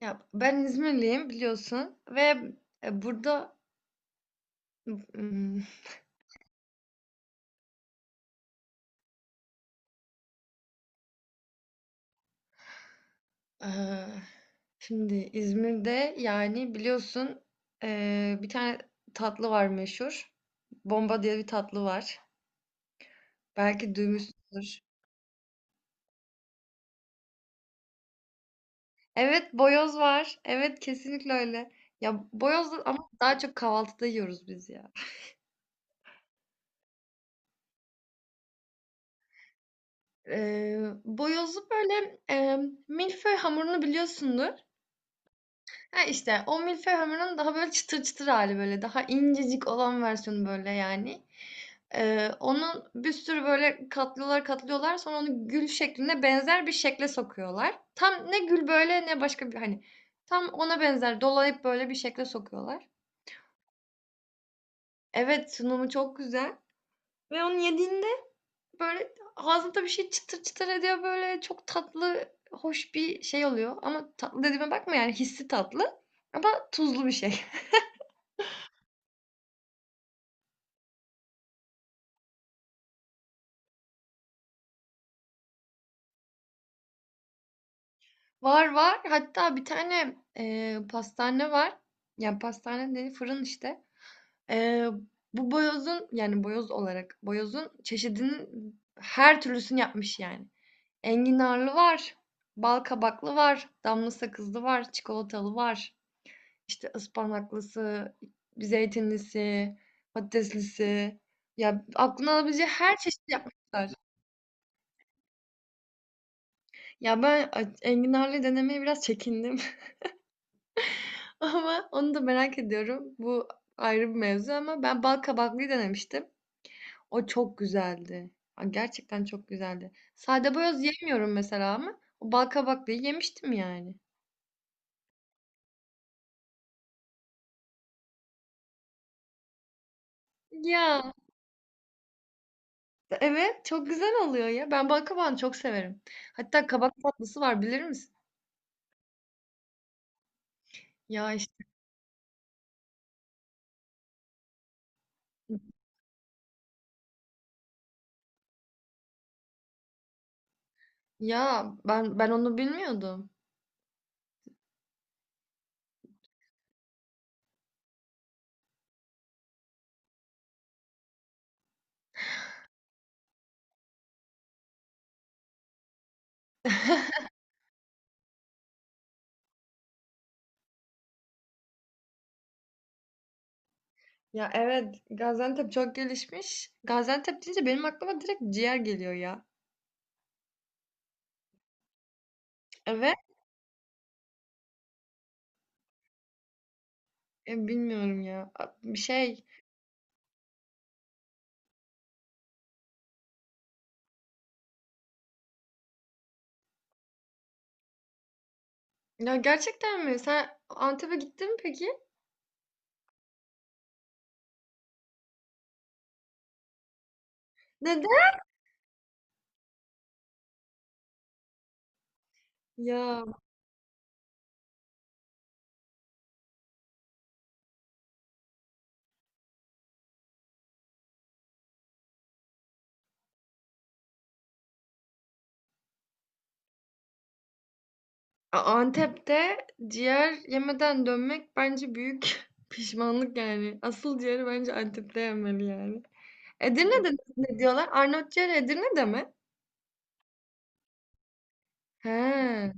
Ben İzmirliyim biliyorsun ve, eee, burada, ımm, eee, şimdi İzmir'de, yani, biliyorsun, bir tane tatlı var meşhur. Bomba diye bir tatlı var. Belki duymuşsundur. Evet, boyoz var. Evet, kesinlikle öyle. Boyoz ama daha çok kahvaltıda yiyoruz biz ya. Boyozu böyle, milföy hamurunu biliyorsundur. Ha, işte o milföy hamurunun daha böyle çıtır çıtır hali böyle, daha incecik olan versiyonu böyle yani. Onun bir sürü böyle katlıyorlar, katlıyorlar sonra onu gül şekline benzer bir şekle sokuyorlar. Tam ne gül böyle ne başka bir hani tam ona benzer dolayıp böyle bir şekle sokuyorlar. Evet, sunumu çok güzel ve onu yediğinde böyle ağzında bir şey çıtır çıtır ediyor böyle çok tatlı, hoş bir şey oluyor ama tatlı dediğime bakma yani hissi tatlı ama tuzlu bir şey. Var var. Hatta bir tane, pastane var. Yani pastane değil, fırın işte. Eee, bu boyozun yani boyoz olarak boyozun çeşidinin her türlüsünü yapmış yani. Enginarlı var, bal kabaklı var, damla sakızlı var, çikolatalı var. İşte ıspanaklısı, zeytinlisi, patateslisi. Ya aklına alabileceği her çeşit yapmışlar. Ya ben enginarlı denemeye biraz çekindim. Ama onu da merak ediyorum. Bu ayrı bir mevzu ama ben bal kabaklıyı denemiştim. O çok güzeldi. Aa, gerçekten çok güzeldi. Sade boyoz yemiyorum mesela ama o bal kabaklıyı yemiştim yani. Ya evet çok güzel oluyor ya. Ben bal kabağını çok severim. Hatta kabak tatlısı var bilir misin? Ya işte, ya ben onu bilmiyordum. Ya evet Gaziantep çok gelişmiş. Gaziantep deyince benim aklıma direkt ciğer geliyor ya. Evet. Bilmiyorum ya. Bir şey. Ya gerçekten mi? Sen Antep'e gittin mi peki? Neden? Ya Antep'te ciğer yemeden dönmek bence büyük pişmanlık yani. Asıl ciğeri bence Antep'te yemeli yani. Edirne'de ne diyorlar? Arnavut ciğeri Edirne'de mi? He.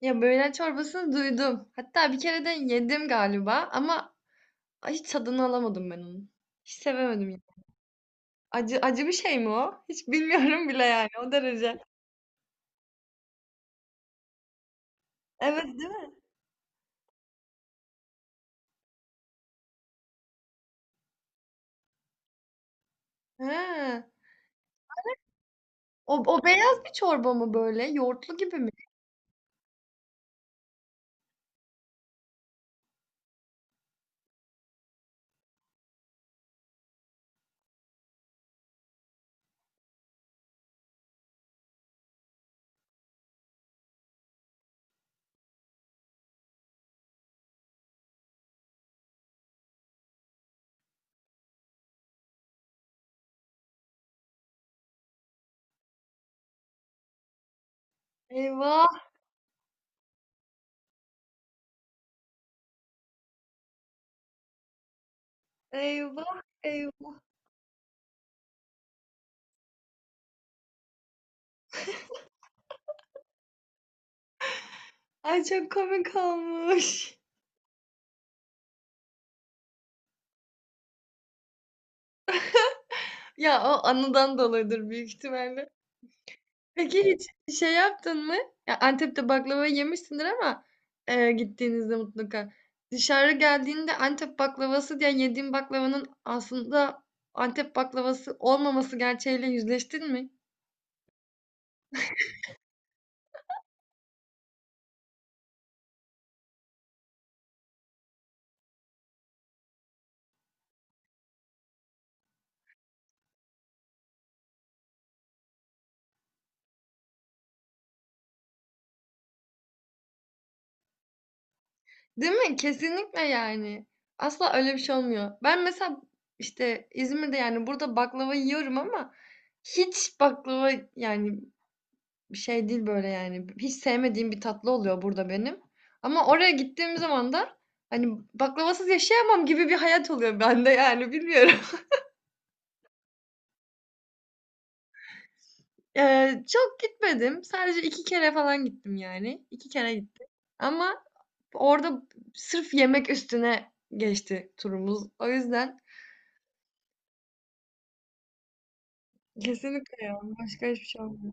Ya böğren çorbasını duydum. Hatta bir kere de yedim galiba ama hiç tadını alamadım ben onun. Hiç sevemedim ya. Acı acı bir şey mi o? Hiç bilmiyorum bile yani o derece. Evet. He. O o beyaz bir çorba mı böyle? Yoğurtlu gibi mi? Eyvah, eyvah, eyvah. Ay çok komik olmuş. Ya o anıdan dolayıdır büyük ihtimalle. Peki hiç şey yaptın mı? Ya Antep'te baklava yemişsindir ama gittiğinizde mutlaka. Dışarı geldiğinde Antep baklavası diye yediğin baklavanın aslında Antep baklavası olmaması gerçeğiyle yüzleştin mi? Değil mi? Kesinlikle yani. Asla öyle bir şey olmuyor. Ben mesela işte İzmir'de yani burada baklava yiyorum ama hiç baklava yani bir şey değil böyle yani. Hiç sevmediğim bir tatlı oluyor burada benim. Ama oraya gittiğim zaman da hani baklavasız yaşayamam gibi bir hayat oluyor bende yani bilmiyorum. Çok gitmedim. Sadece iki kere falan gittim yani. İki kere gittim. Ama orada sırf yemek üstüne geçti turumuz. O yüzden kesinlikle ya. Başka hiçbir şey olmuyor.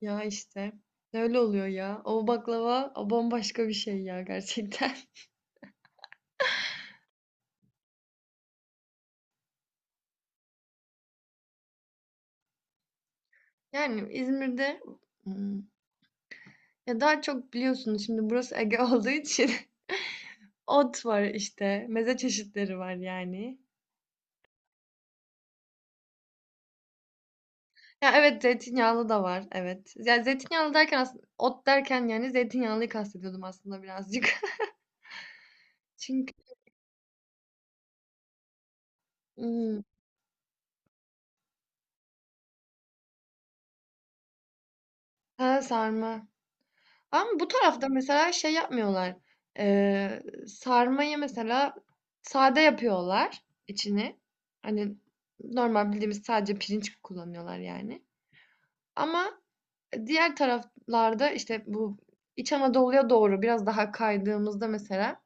Ya işte. Öyle oluyor ya. O baklava o bambaşka bir şey ya gerçekten. Yani İzmir'de, hmm, ya daha çok biliyorsunuz şimdi burası Ege olduğu için ot var işte. Meze çeşitleri var yani. Ya evet zeytinyağlı da var evet. Ya zeytinyağlı derken aslında ot derken yani zeytinyağlıyı kastediyordum aslında birazcık. Çünkü hmm, ha, sarma. Ama bu tarafta mesela şey yapmıyorlar. Sarmayı mesela sade yapıyorlar içini. Hani normal bildiğimiz sadece pirinç kullanıyorlar yani. Ama diğer taraflarda işte bu İç Anadolu'ya doğru biraz daha kaydığımızda mesela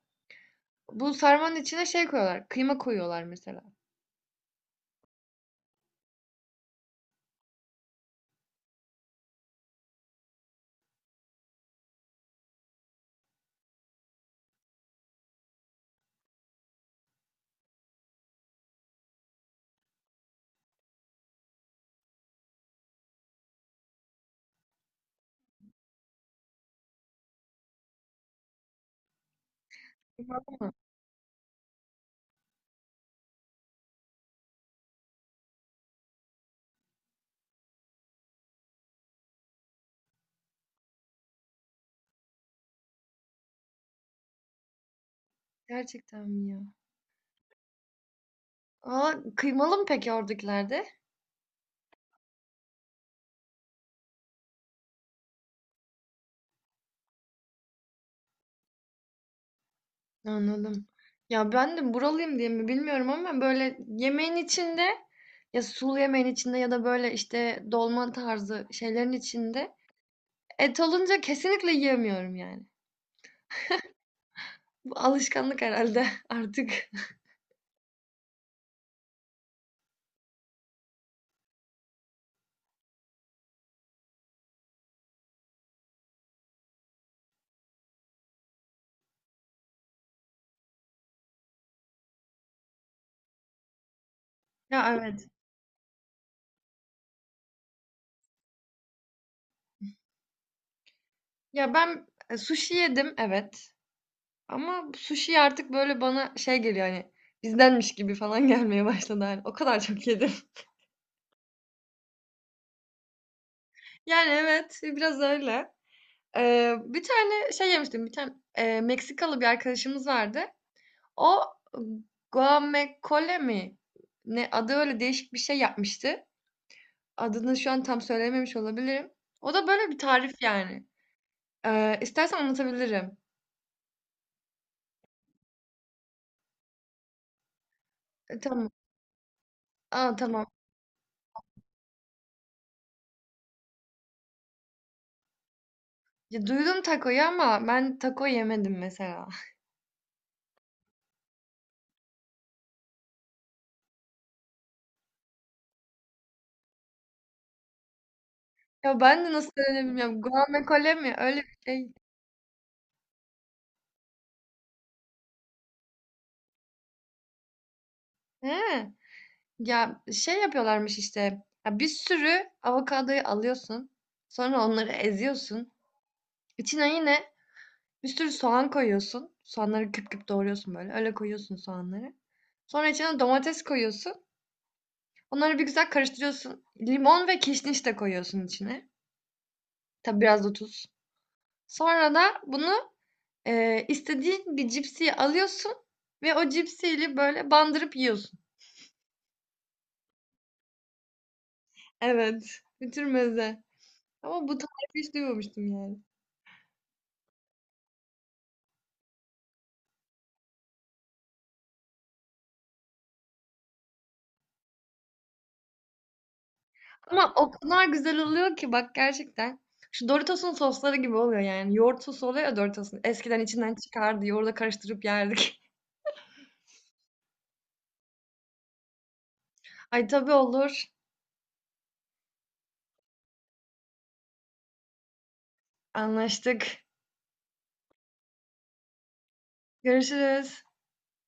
bu sarmanın içine şey koyuyorlar. Kıyma koyuyorlar mesela. Kıyma- Gerçekten mi ya? Aa, kıymalı mı peki oradakilerde? Anladım. Ya ben de buralıyım diye mi bilmiyorum ama böyle yemeğin içinde ya sulu yemeğin içinde ya da böyle işte dolma tarzı şeylerin içinde et olunca kesinlikle yiyemiyorum yani. Bu alışkanlık herhalde artık. Ya evet. Ya ben sushi yedim evet. Ama sushi artık böyle bana şey geliyor hani bizdenmiş gibi falan gelmeye başladı hani. O kadar çok yedim. Yani evet biraz öyle. Bir tane şey yemiştim. Bir tane Meksikalı bir arkadaşımız vardı. O guacamole mi? Ne adı öyle değişik bir şey yapmıştı. Adını şu an tam söylememiş olabilirim. O da böyle bir tarif yani. İstersen anlatabilirim. Tamam. Aa, tamam. Duydum takoyu ama ben taco yemedim mesela. Ya ben de nasıl söylediğimi bilmiyorum. Guacamole mi? Öyle bir şey. He. Ya şey yapıyorlarmış işte. Ya bir sürü avokadoyu alıyorsun. Sonra onları eziyorsun. İçine yine bir sürü soğan koyuyorsun. Soğanları küp küp doğruyorsun böyle. Öyle koyuyorsun soğanları. Sonra içine domates koyuyorsun. Onları bir güzel karıştırıyorsun. Limon ve kişniş de koyuyorsun içine. Tabi biraz da tuz. Sonra da bunu istediğin bir cipsiyi alıyorsun ve o cipsiyle böyle bandırıp yiyorsun. Evet. Bir tür meze. Ama bu tarifi hiç duymamıştım yani. Ama o kadar güzel oluyor ki bak gerçekten. Şu Doritos'un sosları gibi oluyor yani. Yoğurt sosu oluyor ya Doritos'un. Eskiden içinden çıkardı. Yoğurda karıştırıp yerdik. Ay tabii olur. Anlaştık. Görüşürüz.